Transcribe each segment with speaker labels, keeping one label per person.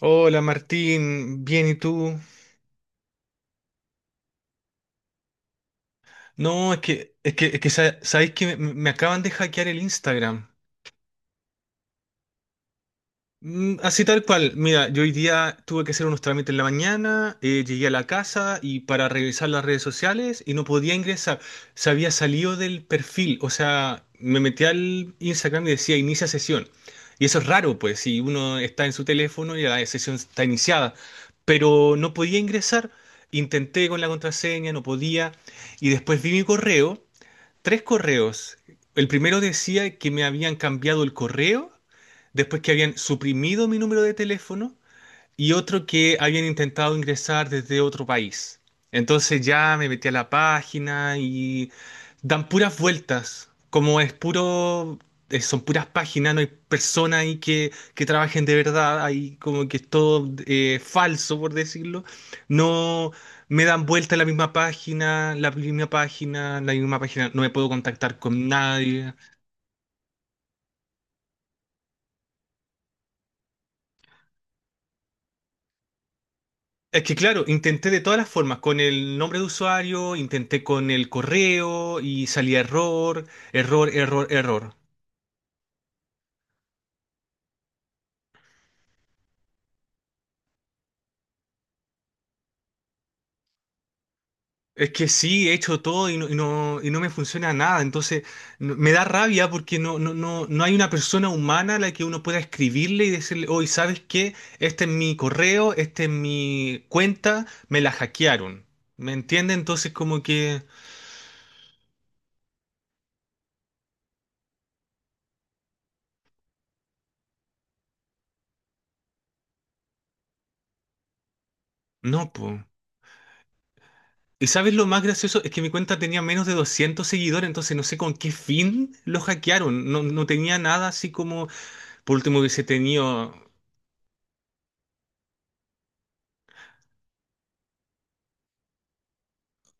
Speaker 1: Hola Martín, bien, ¿y tú? No, sabéis que me acaban de hackear el Instagram. Mm, así tal cual. Mira, yo hoy día tuve que hacer unos trámites en la mañana, llegué a la casa y para revisar las redes sociales y no podía ingresar. Se había salido del perfil, o sea, me metí al Instagram y decía inicia sesión. Y eso es raro, pues, si uno está en su teléfono y la sesión está iniciada. Pero no podía ingresar. Intenté con la contraseña, no podía. Y después vi mi correo, tres correos. El primero decía que me habían cambiado el correo, después que habían suprimido mi número de teléfono y otro que habían intentado ingresar desde otro país. Entonces ya me metí a la página y dan puras vueltas, como es puro, son puras páginas, no hay personas ahí que trabajen de verdad, ahí como que es todo falso, por decirlo. No me dan vuelta la misma página, la misma página, la misma página, no me puedo contactar con nadie. Es que claro, intenté de todas las formas, con el nombre de usuario, intenté con el correo y salía error, error, error, error. Es que sí, he hecho todo y no, y no, y no me funciona nada, entonces me da rabia porque no, no, no, no hay una persona humana a la que uno pueda escribirle y decirle, hoy ¿sabes qué? Este es mi correo, este es mi cuenta, me la hackearon. ¿Me entiende? Entonces como que... No, pues. ¿Y sabes lo más gracioso? Es que mi cuenta tenía menos de 200 seguidores, entonces no sé con qué fin lo hackearon. No, no tenía nada así como, por último, hubiese tenido...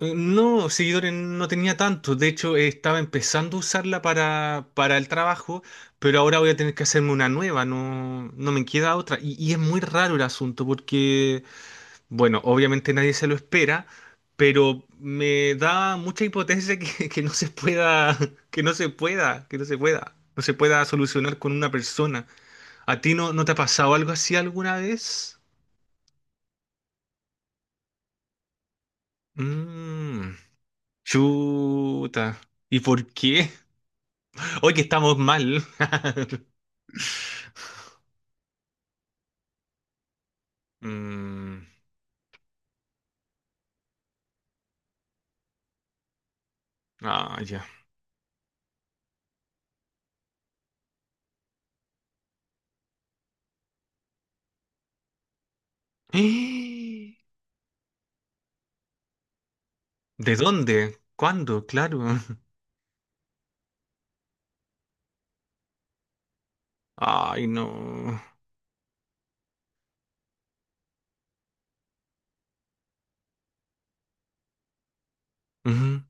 Speaker 1: No, seguidores no tenía tanto. De hecho, estaba empezando a usarla para el trabajo, pero ahora voy a tener que hacerme una nueva. No, no me queda otra. Y es muy raro el asunto porque... Bueno, obviamente nadie se lo espera, pero me da mucha impotencia que, que no se pueda, que no se pueda, que no se pueda, no se pueda solucionar con una persona. ¿A ti no te ha pasado algo así alguna vez? Mmm, chuta. ¿Y por qué? Hoy que estamos mal. Mm, ah, ya. ¡Eh! ¿De dónde? ¿Cuándo? Claro. Ay, no. Ujú,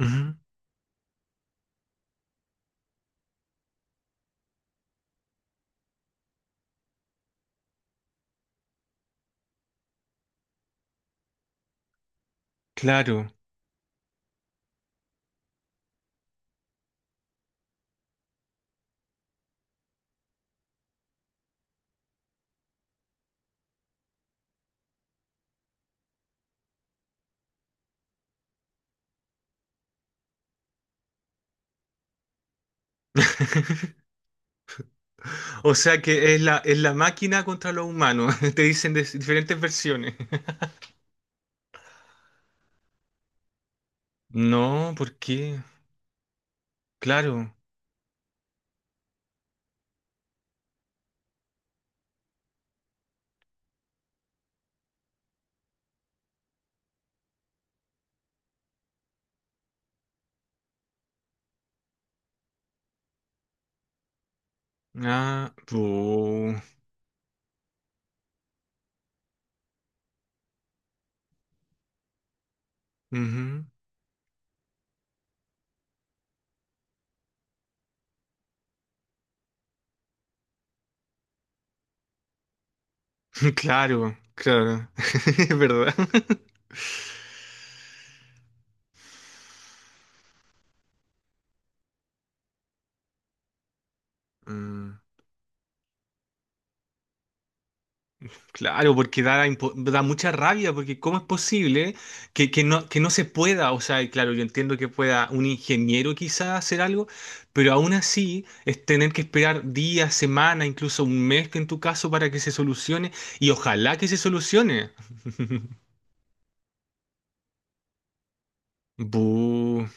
Speaker 1: ujú, claro. O sea que es la máquina contra los humanos. Te dicen de diferentes versiones. No, ¿por qué? Claro. Ah, bu. Ujú. Claro, claro. Es verdad. Mm. Claro, porque da, da mucha rabia, porque ¿cómo es posible que no se pueda? O sea, y claro, yo entiendo que pueda un ingeniero quizás hacer algo, pero aún así es tener que esperar días, semanas, incluso un mes que en tu caso para que se solucione, y ojalá que se solucione. Bu.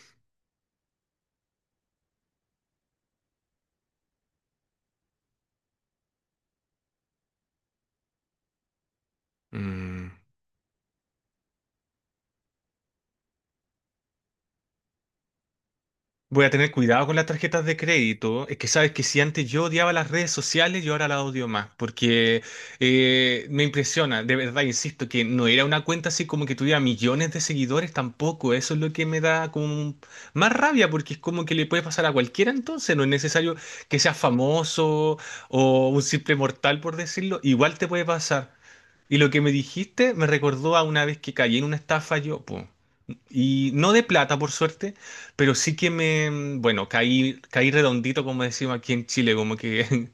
Speaker 1: Mm. Voy a tener cuidado con las tarjetas de crédito. Es que sabes que si antes yo odiaba las redes sociales, yo ahora las odio más, porque me impresiona, de verdad, insisto, que no era una cuenta así como que tuviera millones de seguidores tampoco. Eso es lo que me da como más rabia, porque es como que le puede pasar a cualquiera entonces. No es necesario que seas famoso o un simple mortal, por decirlo. Igual te puede pasar. Y lo que me dijiste me recordó a una vez que caí en una estafa yo, po. Y no de plata, por suerte, pero sí que me, bueno, caí, caí redondito, como decimos aquí en Chile, como que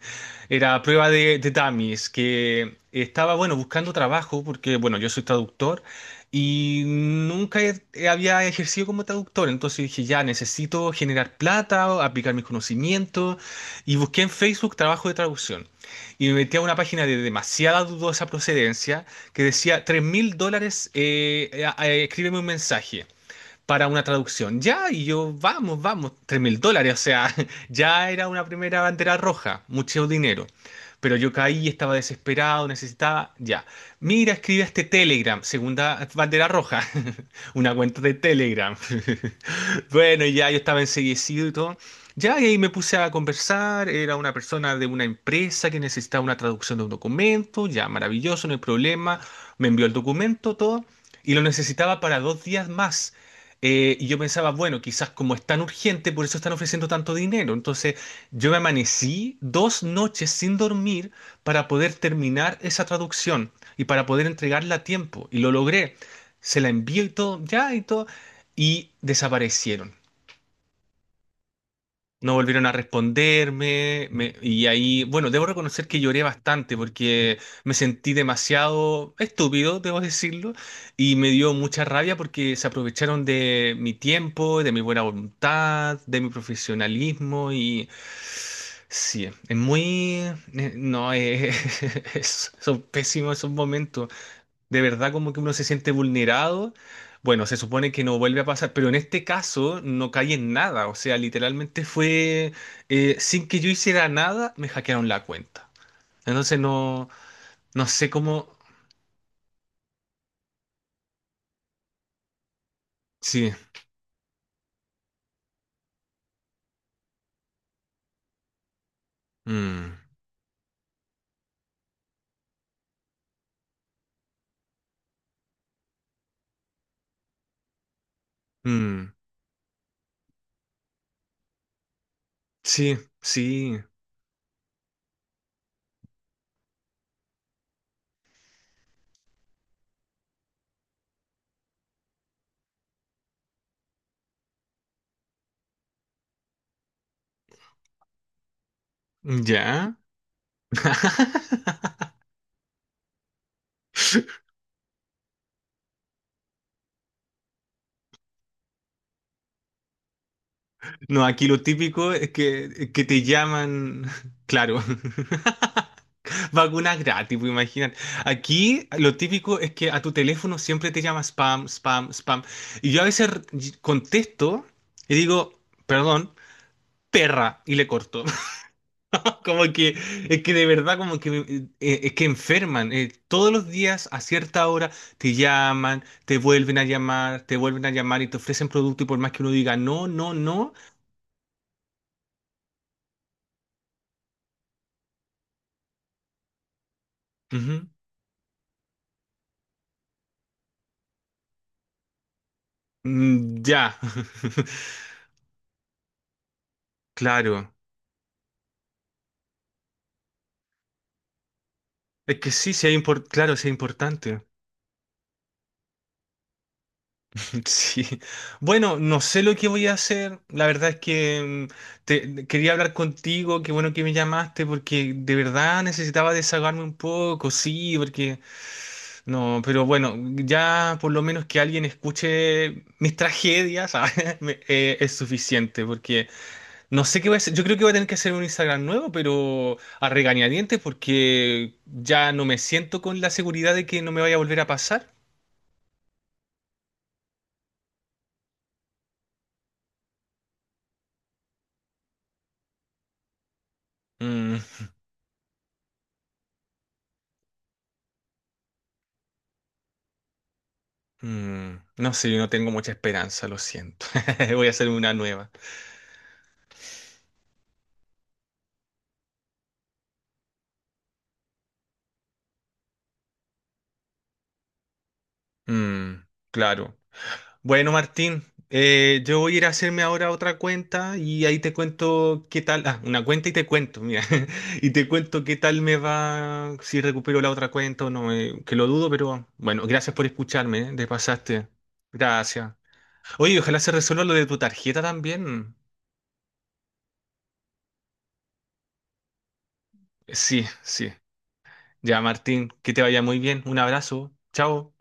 Speaker 1: era prueba de dummies, que estaba, bueno, buscando trabajo, porque, bueno, yo soy traductor y nunca había ejercido como traductor, entonces dije, ya, necesito generar plata, aplicar mis conocimientos, y busqué en Facebook trabajo de traducción. Y me metí a una página de demasiada dudosa procedencia que decía, $3.000, escríbeme un mensaje para una traducción. Ya, y yo, vamos, vamos, $3.000, o sea, ya era una primera bandera roja, mucho dinero. Pero yo caí, estaba desesperado, necesitaba, ya. Mira, escribe este Telegram, segunda bandera roja, una cuenta de Telegram. Bueno, y ya yo estaba enseguecido y todo. Ya, y ahí me puse a conversar. Era una persona de una empresa que necesitaba una traducción de un documento. Ya, maravilloso, no hay problema. Me envió el documento, todo. Y lo necesitaba para 2 días más. Y yo pensaba, bueno, quizás como es tan urgente, por eso están ofreciendo tanto dinero. Entonces, yo me amanecí 2 noches sin dormir para poder terminar esa traducción y para poder entregarla a tiempo. Y lo logré. Se la envío y todo, ya y todo. Y desaparecieron. No volvieron a responderme, y ahí, bueno, debo reconocer que lloré bastante porque me sentí demasiado estúpido, debo decirlo, y me dio mucha rabia porque se aprovecharon de mi tiempo, de mi buena voluntad, de mi profesionalismo, y sí, es muy... no, son pésimos esos momentos. De verdad como que uno se siente vulnerado. Bueno, se supone que no vuelve a pasar, pero en este caso no caí en nada. O sea, literalmente fue sin que yo hiciera nada, me hackearon la cuenta. Entonces no, no sé cómo. Sí. Mm, mm, sí, sí. Ya. No, aquí lo típico es que te llaman, claro. Vacunas gratis, pues imaginan. Aquí lo típico es que a tu teléfono siempre te llama spam, spam, spam. Y yo a veces contesto y digo, perdón, perra, y le corto. Como que, es que de verdad, como que, es que enferman. Todos los días a cierta hora te llaman, te vuelven a llamar, te vuelven a llamar y te ofrecen producto y por más que uno diga no, no, no. Ujú, mm, ya. Claro. Es que sí, sí es claro, sí es importante. Sí. Bueno, no sé lo que voy a hacer. La verdad es que mm, quería hablar contigo. Qué bueno que me llamaste porque de verdad necesitaba desahogarme un poco. Sí, porque no, pero bueno, ya por lo menos que alguien escuche mis tragedias, ¿sabes? Es suficiente porque no sé qué voy a hacer. Yo creo que voy a tener que hacer un Instagram nuevo, pero a regañadientes porque ya no me siento con la seguridad de que no me vaya a volver a pasar. Mm, mm, no sé, yo no tengo mucha esperanza, lo siento. Voy a hacerme una nueva. Mm, claro. Bueno, Martín, yo voy a ir a hacerme ahora otra cuenta y ahí te cuento qué tal. Ah, una cuenta y te cuento, mira. Y te cuento qué tal me va, si recupero la otra cuenta o no, que lo dudo, pero bueno, gracias por escucharme, te pasaste. Gracias. Oye, ojalá se resuelva lo de tu tarjeta también. Sí, sí. Ya, Martín, que te vaya muy bien. Un abrazo. Chao.